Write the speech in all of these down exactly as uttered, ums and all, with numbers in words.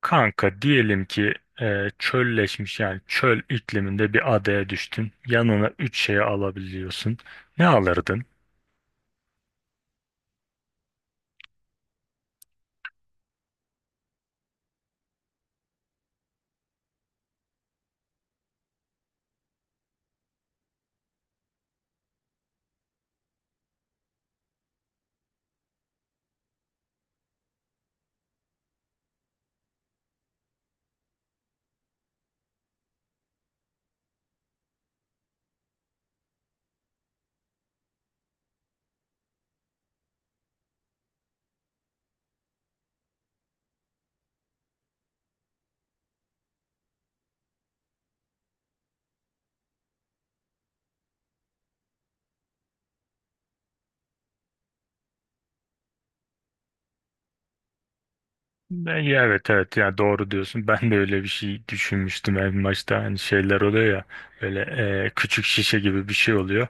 Kanka diyelim ki e, çölleşmiş yani çöl ikliminde bir adaya düştün. Yanına üç şeyi alabiliyorsun. Ne alırdın? Ben, ya evet evet yani doğru diyorsun. Ben de öyle bir şey düşünmüştüm en başta. Hani şeyler oluyor ya böyle e, küçük şişe gibi bir şey oluyor.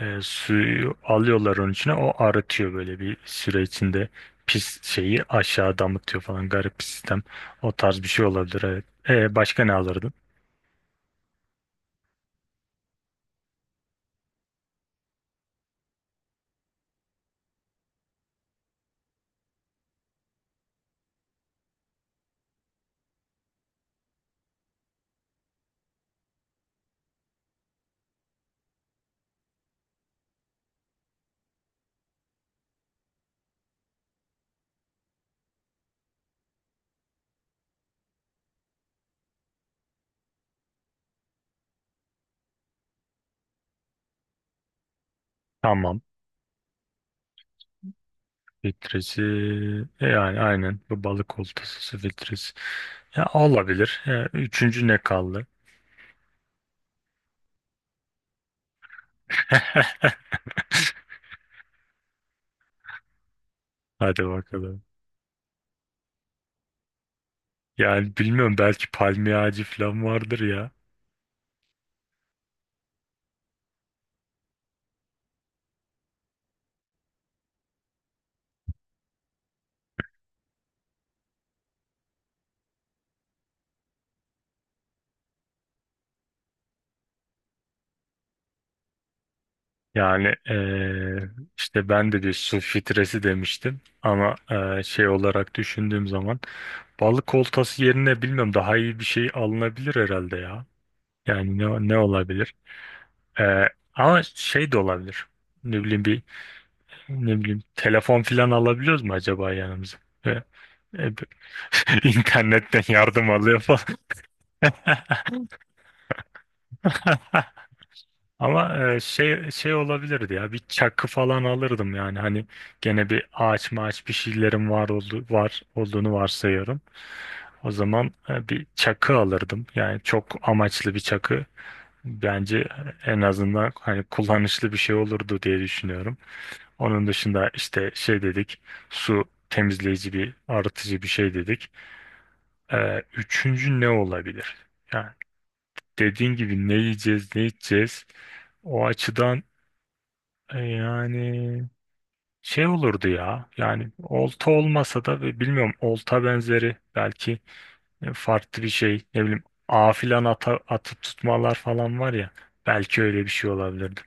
E, suyu alıyorlar onun içine, o arıtıyor böyle bir süre içinde. Pis şeyi aşağı damıtıyor falan, garip bir sistem. O tarz bir şey olabilir, evet. E, başka ne alırdın? Tamam. Filtresi, e, yani aynen bu balık oltası filtresi. Ya olabilir. Ya, üçüncü ne kaldı? Hadi bakalım. Yani bilmiyorum, belki palmiye ağacı falan vardır ya. Yani eee, işte ben de bir su filtresi demiştim ama eee, şey olarak düşündüğüm zaman balık oltası yerine bilmiyorum, daha iyi bir şey alınabilir herhalde ya. Yani ne, ne olabilir? Eee, ama şey de olabilir. Ne bileyim bir Ne bileyim telefon filan alabiliyoruz mu acaba yanımıza? E, e, b- internetten yardım alıyor falan. Ama e, şey şey olabilirdi ya, bir çakı falan alırdım yani. Hani gene bir ağaç maaç bir şeylerin var oldu var olduğunu varsayıyorum. O zaman e, bir çakı alırdım. Yani çok amaçlı bir çakı bence en azından hani kullanışlı bir şey olurdu diye düşünüyorum. Onun dışında işte şey dedik, su temizleyici bir arıtıcı bir şey dedik. Ee, üçüncü ne olabilir? Yani dediğin gibi ne yiyeceğiz, ne içeceğiz. O açıdan e, yani şey olurdu ya. Yani olta olmasa da, ve bilmiyorum, olta benzeri belki e, farklı bir şey. Ne bileyim ağ filan, ata, atıp tutmalar falan var ya. Belki öyle bir şey olabilirdi.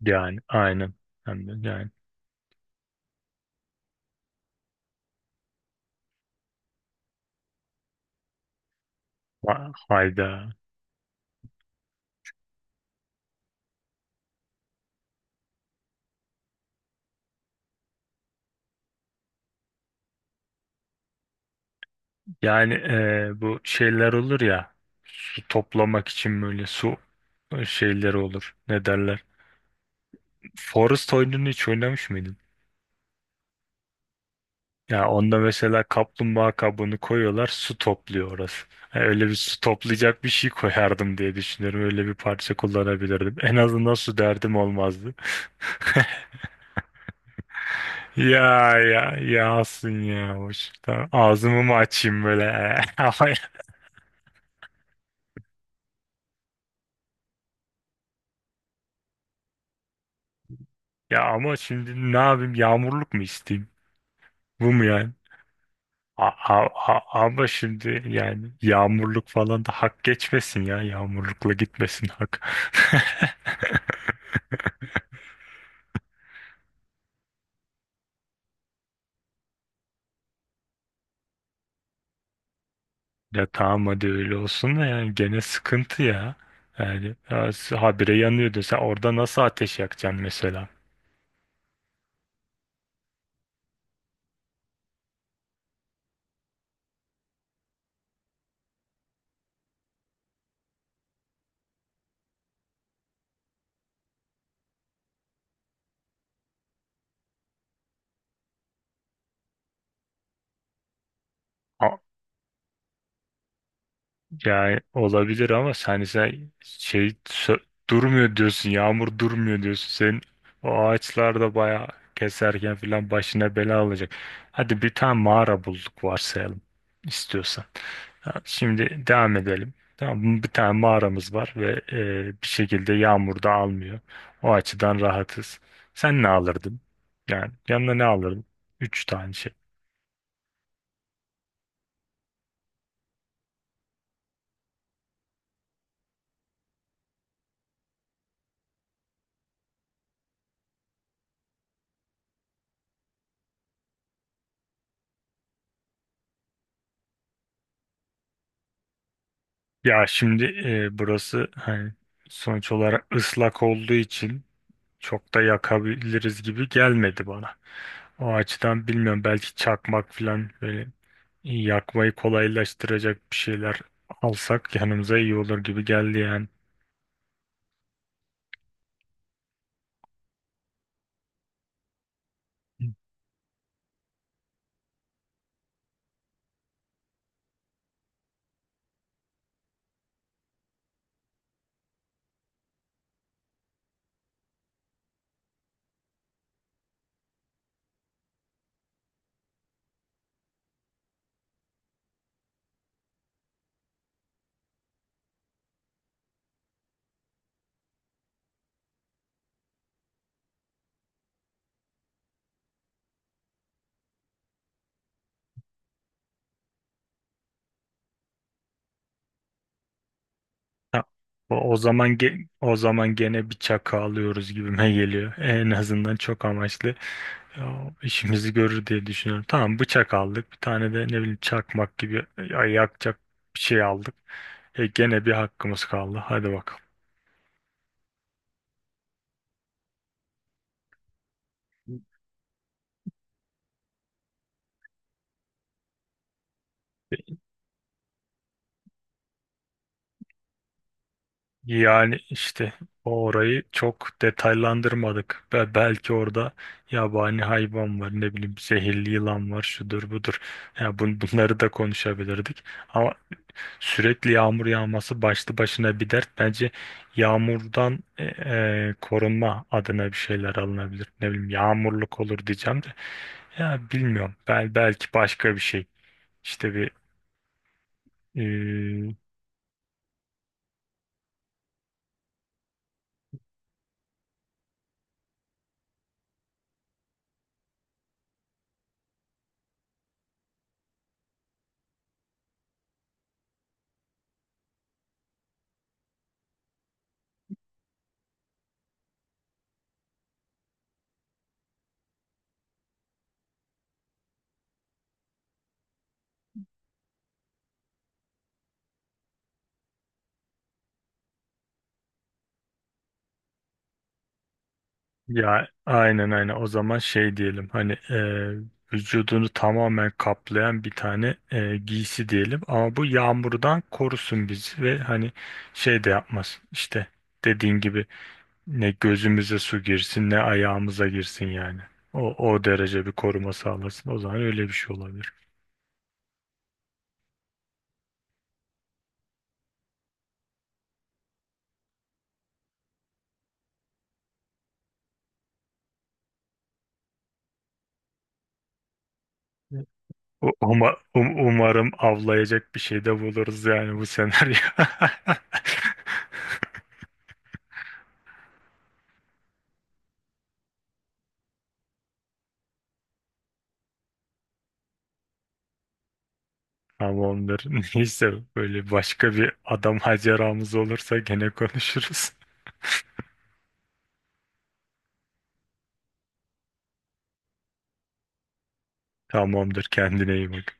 Yani aynen. Hem de yani ha- hayda. Yani e, bu şeyler olur ya. Su toplamak için böyle su e, şeyleri olur. Ne derler? Forest oyununu hiç oynamış mıydın? Ya onda mesela kaplumbağa kabuğunu koyuyorlar, su topluyor orası. Ya öyle bir su toplayacak bir şey koyardım diye düşünüyorum. Öyle bir parça kullanabilirdim. En azından su derdim olmazdı. Ya ya yağsın ya hoş. Tamam, ağzımı mı açayım böyle? Ama ya, ama şimdi ne yapayım? Yağmurluk mu isteyeyim? Bu mu yani? A- a- a- ama şimdi yani yağmurluk falan da hak geçmesin ya. Yağmurlukla gitmesin hak. Ya tamam, hadi öyle olsun da yani gene sıkıntı ya. Yani ya, s- habire yanıyor desen, orada nasıl ateş yakacaksın mesela? Yani olabilir ama sen sen şey sö- durmuyor diyorsun. Yağmur durmuyor diyorsun. Senin o ağaçlar da bayağı keserken filan başına bela alacak. Hadi bir tane mağara bulduk varsayalım istiyorsan. Ha, şimdi devam edelim. Tamam mı? Bir tane mağaramız var ve e, bir şekilde yağmur da almıyor. O açıdan rahatız. Sen ne alırdın? Yani yanına ne alırdın? Üç tane şey. Ya şimdi e, burası hani sonuç olarak ıslak olduğu için çok da yakabiliriz gibi gelmedi bana. O açıdan bilmiyorum, belki çakmak falan böyle yakmayı kolaylaştıracak bir şeyler alsak yanımıza iyi olur gibi geldi yani. Ha, o o zaman ge- o zaman gene bir çakı alıyoruz gibime geliyor. En azından çok amaçlı ya, işimizi görür diye düşünüyorum. Tamam, bıçak aldık. Bir tane de ne bileyim çakmak gibi ya- yakacak bir şey aldık. E, gene bir hakkımız kaldı. Hadi bakalım. Yani işte orayı çok detaylandırmadık. Ve belki orada yabani hayvan var, ne bileyim zehirli yılan var, şudur budur. Ya bun- bunları da konuşabilirdik. Ama sürekli yağmur yağması başlı başına bir dert. Bence yağmurdan e, e, korunma adına bir şeyler alınabilir. Ne bileyim yağmurluk olur diyeceğim de. Ya bilmiyorum. Bel belki başka bir şey. İşte bir e, ya aynen aynen, o zaman şey diyelim, hani e, vücudunu tamamen kaplayan bir tane e, giysi diyelim ama bu yağmurdan korusun bizi. Ve hani şey de yapmaz işte, dediğin gibi ne gözümüze su girsin ne ayağımıza girsin yani o, o derece bir koruma sağlasın. O zaman öyle bir şey olabilir. U- Uma, um- umarım avlayacak bir şey de buluruz yani bu senaryo. Tamamdır. Neyse böyle başka bir adam maceramız olursa gene konuşuruz. Tamamdır. Kendine iyi bak.